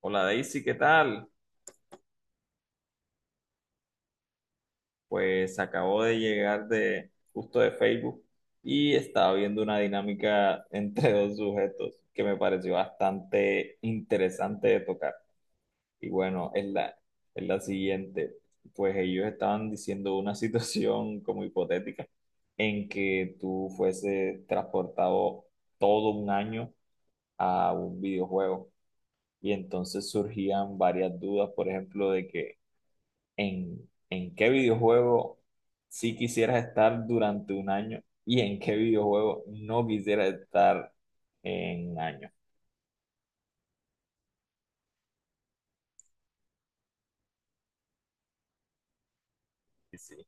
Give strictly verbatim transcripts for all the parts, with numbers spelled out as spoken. Hola Daisy, ¿qué tal? Pues acabo de llegar de justo de Facebook y estaba viendo una dinámica entre dos sujetos que me pareció bastante interesante de tocar. Y bueno, es la, es la siguiente. Pues ellos estaban diciendo una situación como hipotética en que tú fueses transportado todo un año a un videojuego. Y entonces surgían varias dudas, por ejemplo, de que en, en qué videojuego sí quisieras estar durante un año y en qué videojuego no quisieras estar en un año. Y sí,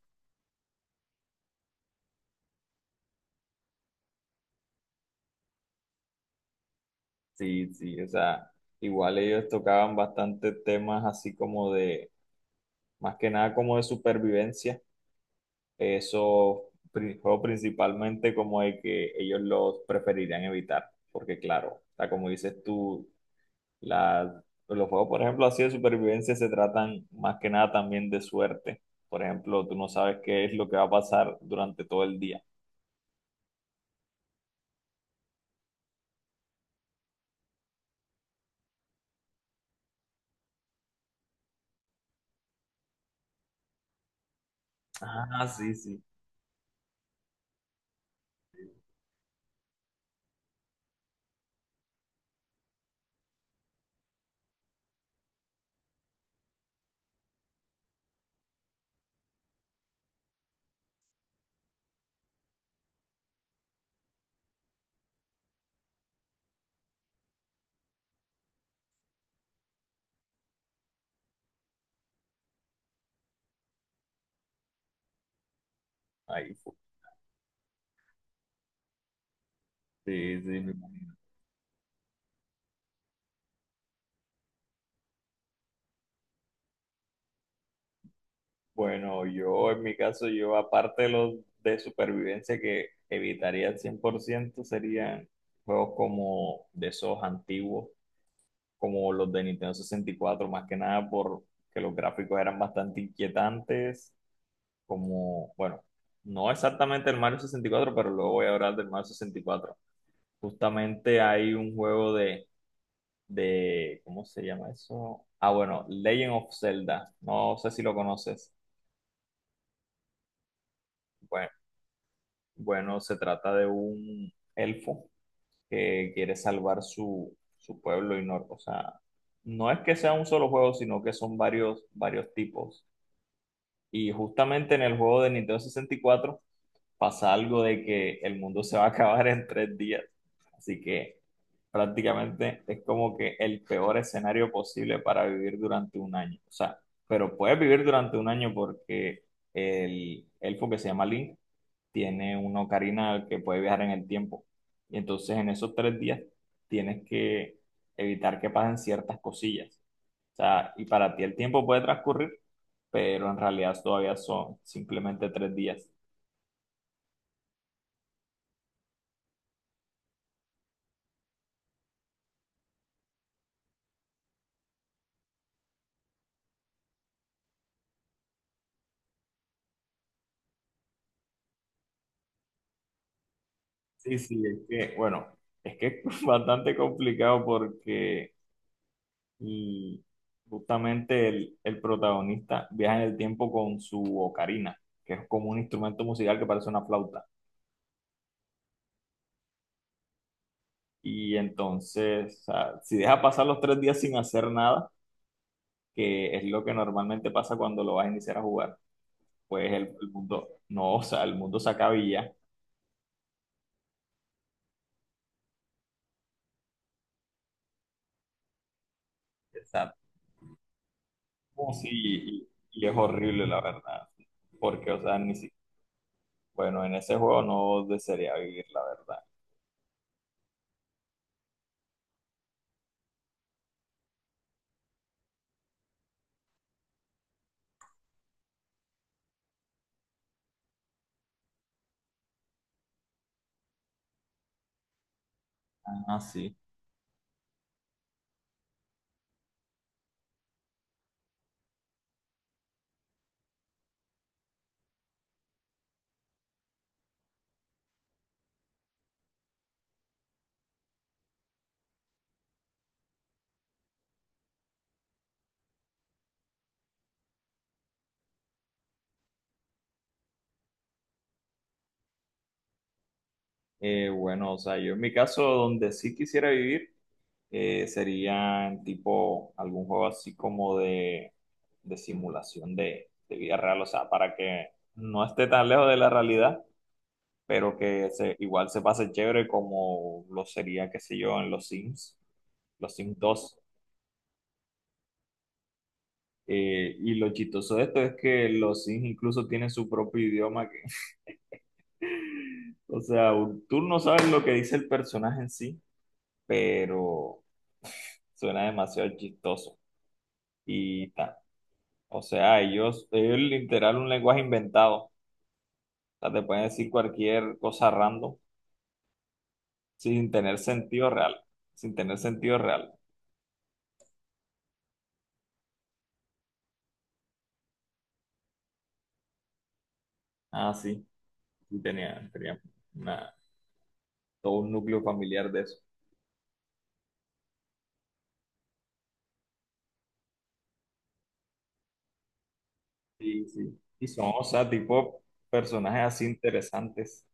sí, sí, o sea, igual ellos tocaban bastante temas así como de, más que nada como de supervivencia, eso pri- fue principalmente como de que ellos los preferirían evitar, porque claro, o sea, como dices tú, La- los juegos, por ejemplo, así de supervivencia se tratan más que nada también de suerte. Por ejemplo, tú no sabes qué es lo que va a pasar durante todo el día. Ah, sí, sí. Ahí fue. Sí, sí, me imagino. Bueno, yo en mi caso, yo aparte de los de supervivencia que evitaría al cien por ciento serían juegos como de esos antiguos, como los de Nintendo sesenta y cuatro más que nada porque los gráficos eran bastante inquietantes como, bueno, no exactamente el Mario sesenta y cuatro, pero luego voy a hablar del Mario sesenta y cuatro. Justamente hay un juego de, de, ¿cómo se llama eso? Ah, bueno, Legend of Zelda. No sé si lo conoces. Bueno, bueno, se trata de un elfo que quiere salvar su, su pueblo y no, o sea, no es que sea un solo juego, sino que son varios, varios tipos. Y justamente en el juego de Nintendo sesenta y cuatro pasa algo de que el mundo se va a acabar en tres días. Así que prácticamente es como que el peor escenario posible para vivir durante un año. O sea, pero puedes vivir durante un año porque el elfo que se llama Link tiene una ocarina que puede viajar en el tiempo. Y entonces en esos tres días tienes que evitar que pasen ciertas cosillas. O sea, y para ti el tiempo puede transcurrir, pero en realidad todavía son simplemente tres días. Sí, sí, es que, bueno, es que es bastante complicado porque, y justamente el, el protagonista viaja en el tiempo con su ocarina, que es como un instrumento musical que parece una flauta. Y entonces, o sea, si deja pasar los tres días sin hacer nada, que es lo que normalmente pasa cuando lo vas a iniciar a jugar, pues el, el mundo, no, o sea, el mundo se acaba y ya. Exacto. Sí, y, y es horrible, la verdad, porque, o sea, ni siquiera. Bueno, en ese juego no desearía vivir, la verdad. Ah, sí. Eh, bueno, o sea, yo en mi caso, donde sí quisiera vivir, eh, sería en tipo algún juego así como de, de simulación de, de vida real, o sea, para que no esté tan lejos de la realidad, pero que se, igual se pase chévere como lo sería, qué sé yo, en los Sims, los Sims dos. Eh, y lo chistoso de esto es que los Sims incluso tienen su propio idioma. O sea, tú no sabes lo que dice el personaje en sí, pero suena demasiado chistoso. Y ta. O sea, ellos, ellos literal un lenguaje inventado. O sea, te pueden decir cualquier cosa random sin tener sentido real. Sin tener sentido real. Ah, sí. Sí tenía, tenía una- todo un núcleo familiar de eso. Sí, sí. Y son, o sea, tipo personajes así interesantes.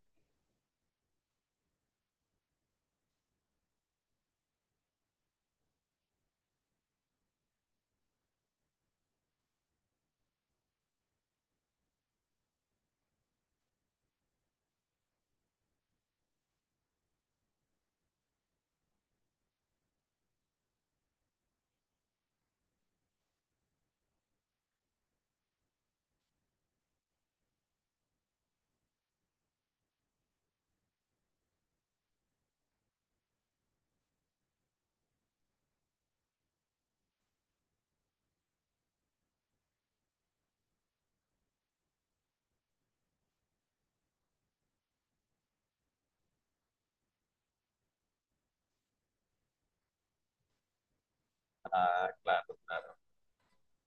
Ah, claro. Claro.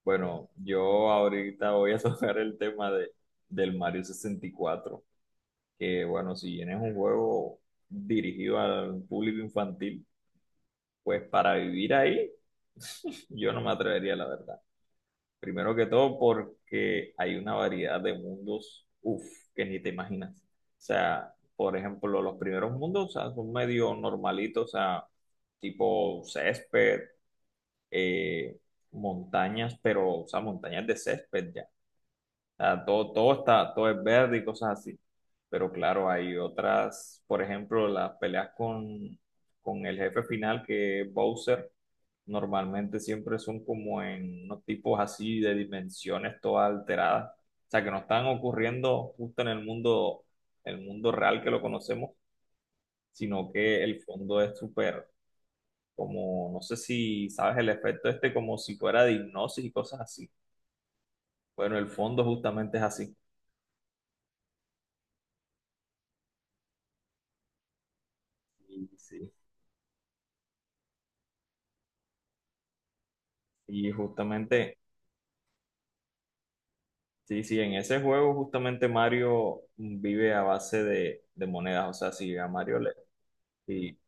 Bueno, yo ahorita voy a tocar el tema de, del Mario sesenta y cuatro, que bueno, si bien es un juego dirigido al público infantil, pues para vivir ahí yo no me atrevería, la verdad. Primero que todo porque hay una variedad de mundos, uff, que ni te imaginas. O sea, por ejemplo, los primeros mundos, o sea, son medio normalitos, o sea, tipo césped, eh, montañas, pero, o sea, montañas de césped. Ah, todo, todo está, todo es verde y cosas así. Pero claro, hay otras, por ejemplo, las peleas con, con el jefe final que es Bowser, normalmente siempre son como en unos tipos así de dimensiones todas alteradas. O sea, que no están ocurriendo justo en el mundo, el mundo real que lo conocemos, sino que el fondo es súper, como, no sé si sabes el efecto este, como si fuera de hipnosis y cosas así. Bueno, el fondo justamente es así. Sí, sí. Y justamente, sí, sí, en ese juego justamente Mario vive a base de, de monedas, o sea, si a Mario le... Sí,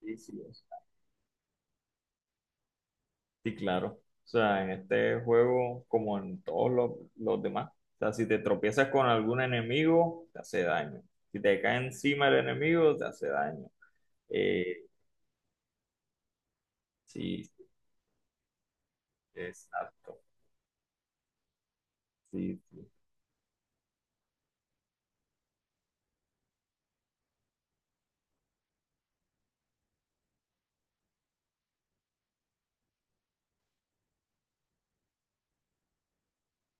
sí, sí, o sea, sí, claro. O sea, en este juego, como en todos los, los demás, o sea, si te tropiezas con algún enemigo, te hace daño. Si te cae encima el enemigo, te hace daño. Eh, sí, sí, exacto. Sí, sí.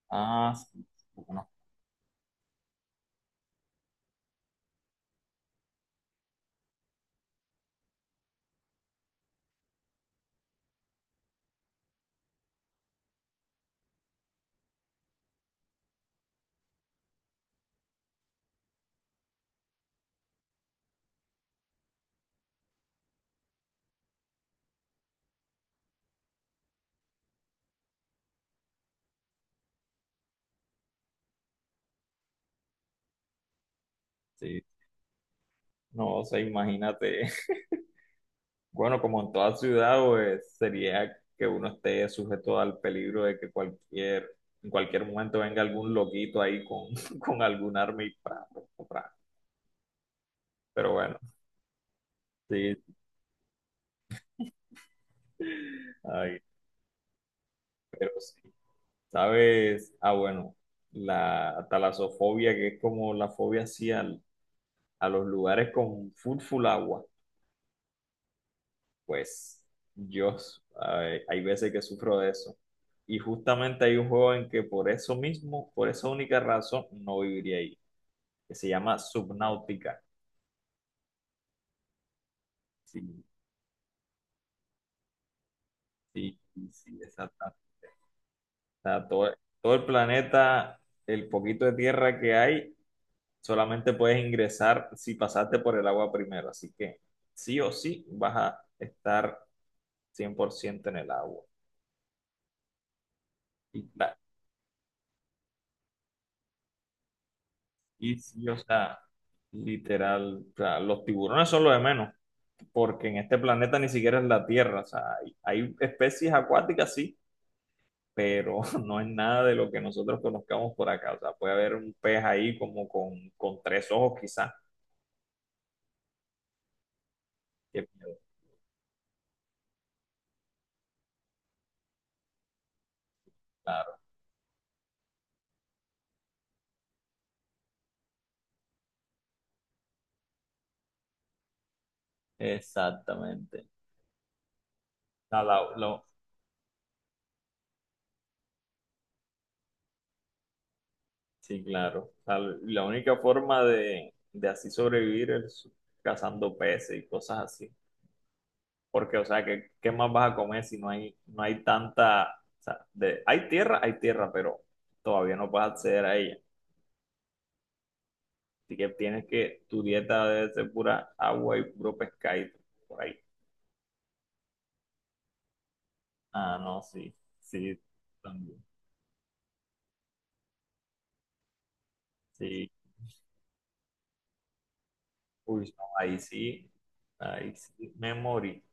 Ah, sí, sí, bueno, sí. No, o sea, imagínate. Bueno, como en toda ciudad, pues sería que uno esté sujeto al peligro de que cualquier, en cualquier momento venga algún loquito ahí con, con algún arma y pra, pra, pra. Pero bueno, sí, ay, pero sí. ¿Sabes? Ah, bueno, la talasofobia, que es como la fobia así al- a los lugares con full, full agua. Pues yo, eh, hay veces que sufro de eso. Y justamente hay un juego en que por eso mismo, por esa única razón, no viviría ahí, que se llama Subnautica. Sí, sí, sí, exacto. O sea, todo, todo el planeta, el poquito de tierra que hay, solamente puedes ingresar si pasaste por el agua primero. Así que sí o sí vas a estar cien por ciento en el agua. Y, la- y sí, o sea, literal, o sea, los tiburones son lo de menos. Porque en este planeta ni siquiera es la Tierra. O sea, hay, hay especies acuáticas, sí, pero no es nada de lo que nosotros conozcamos por acá. O sea, puede haber un pez ahí como con, con tres ojos quizás. Qué miedo, claro. Exactamente. La- la- lo- sí, claro. O sea, la única forma de, de así sobrevivir es cazando peces y cosas así. Porque, o sea, ¿qué, qué más vas a comer si no hay, no hay tanta... o sea, de, hay tierra, hay tierra, pero todavía no puedes acceder a ella. Así que tienes que, tu dieta debe ser pura agua y puro pescadito por ahí. Ah, no, sí, sí, también. Sí, uy, no, ahí sí, ahí sí, me morí.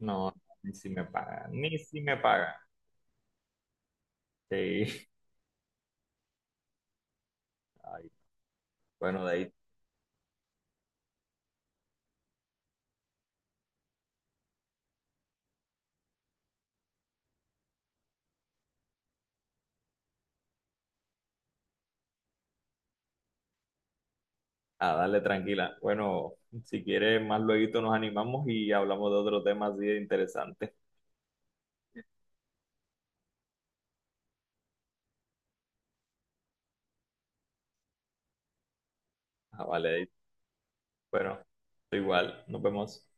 No, ni si me pagan, ni si me pagan. Sí, ay, bueno, de ahí, a darle tranquila. Bueno, si quieres, más luego nos animamos y hablamos de otro tema así de interesante. Ah, vale, de ahí. Bueno, igual, nos vemos.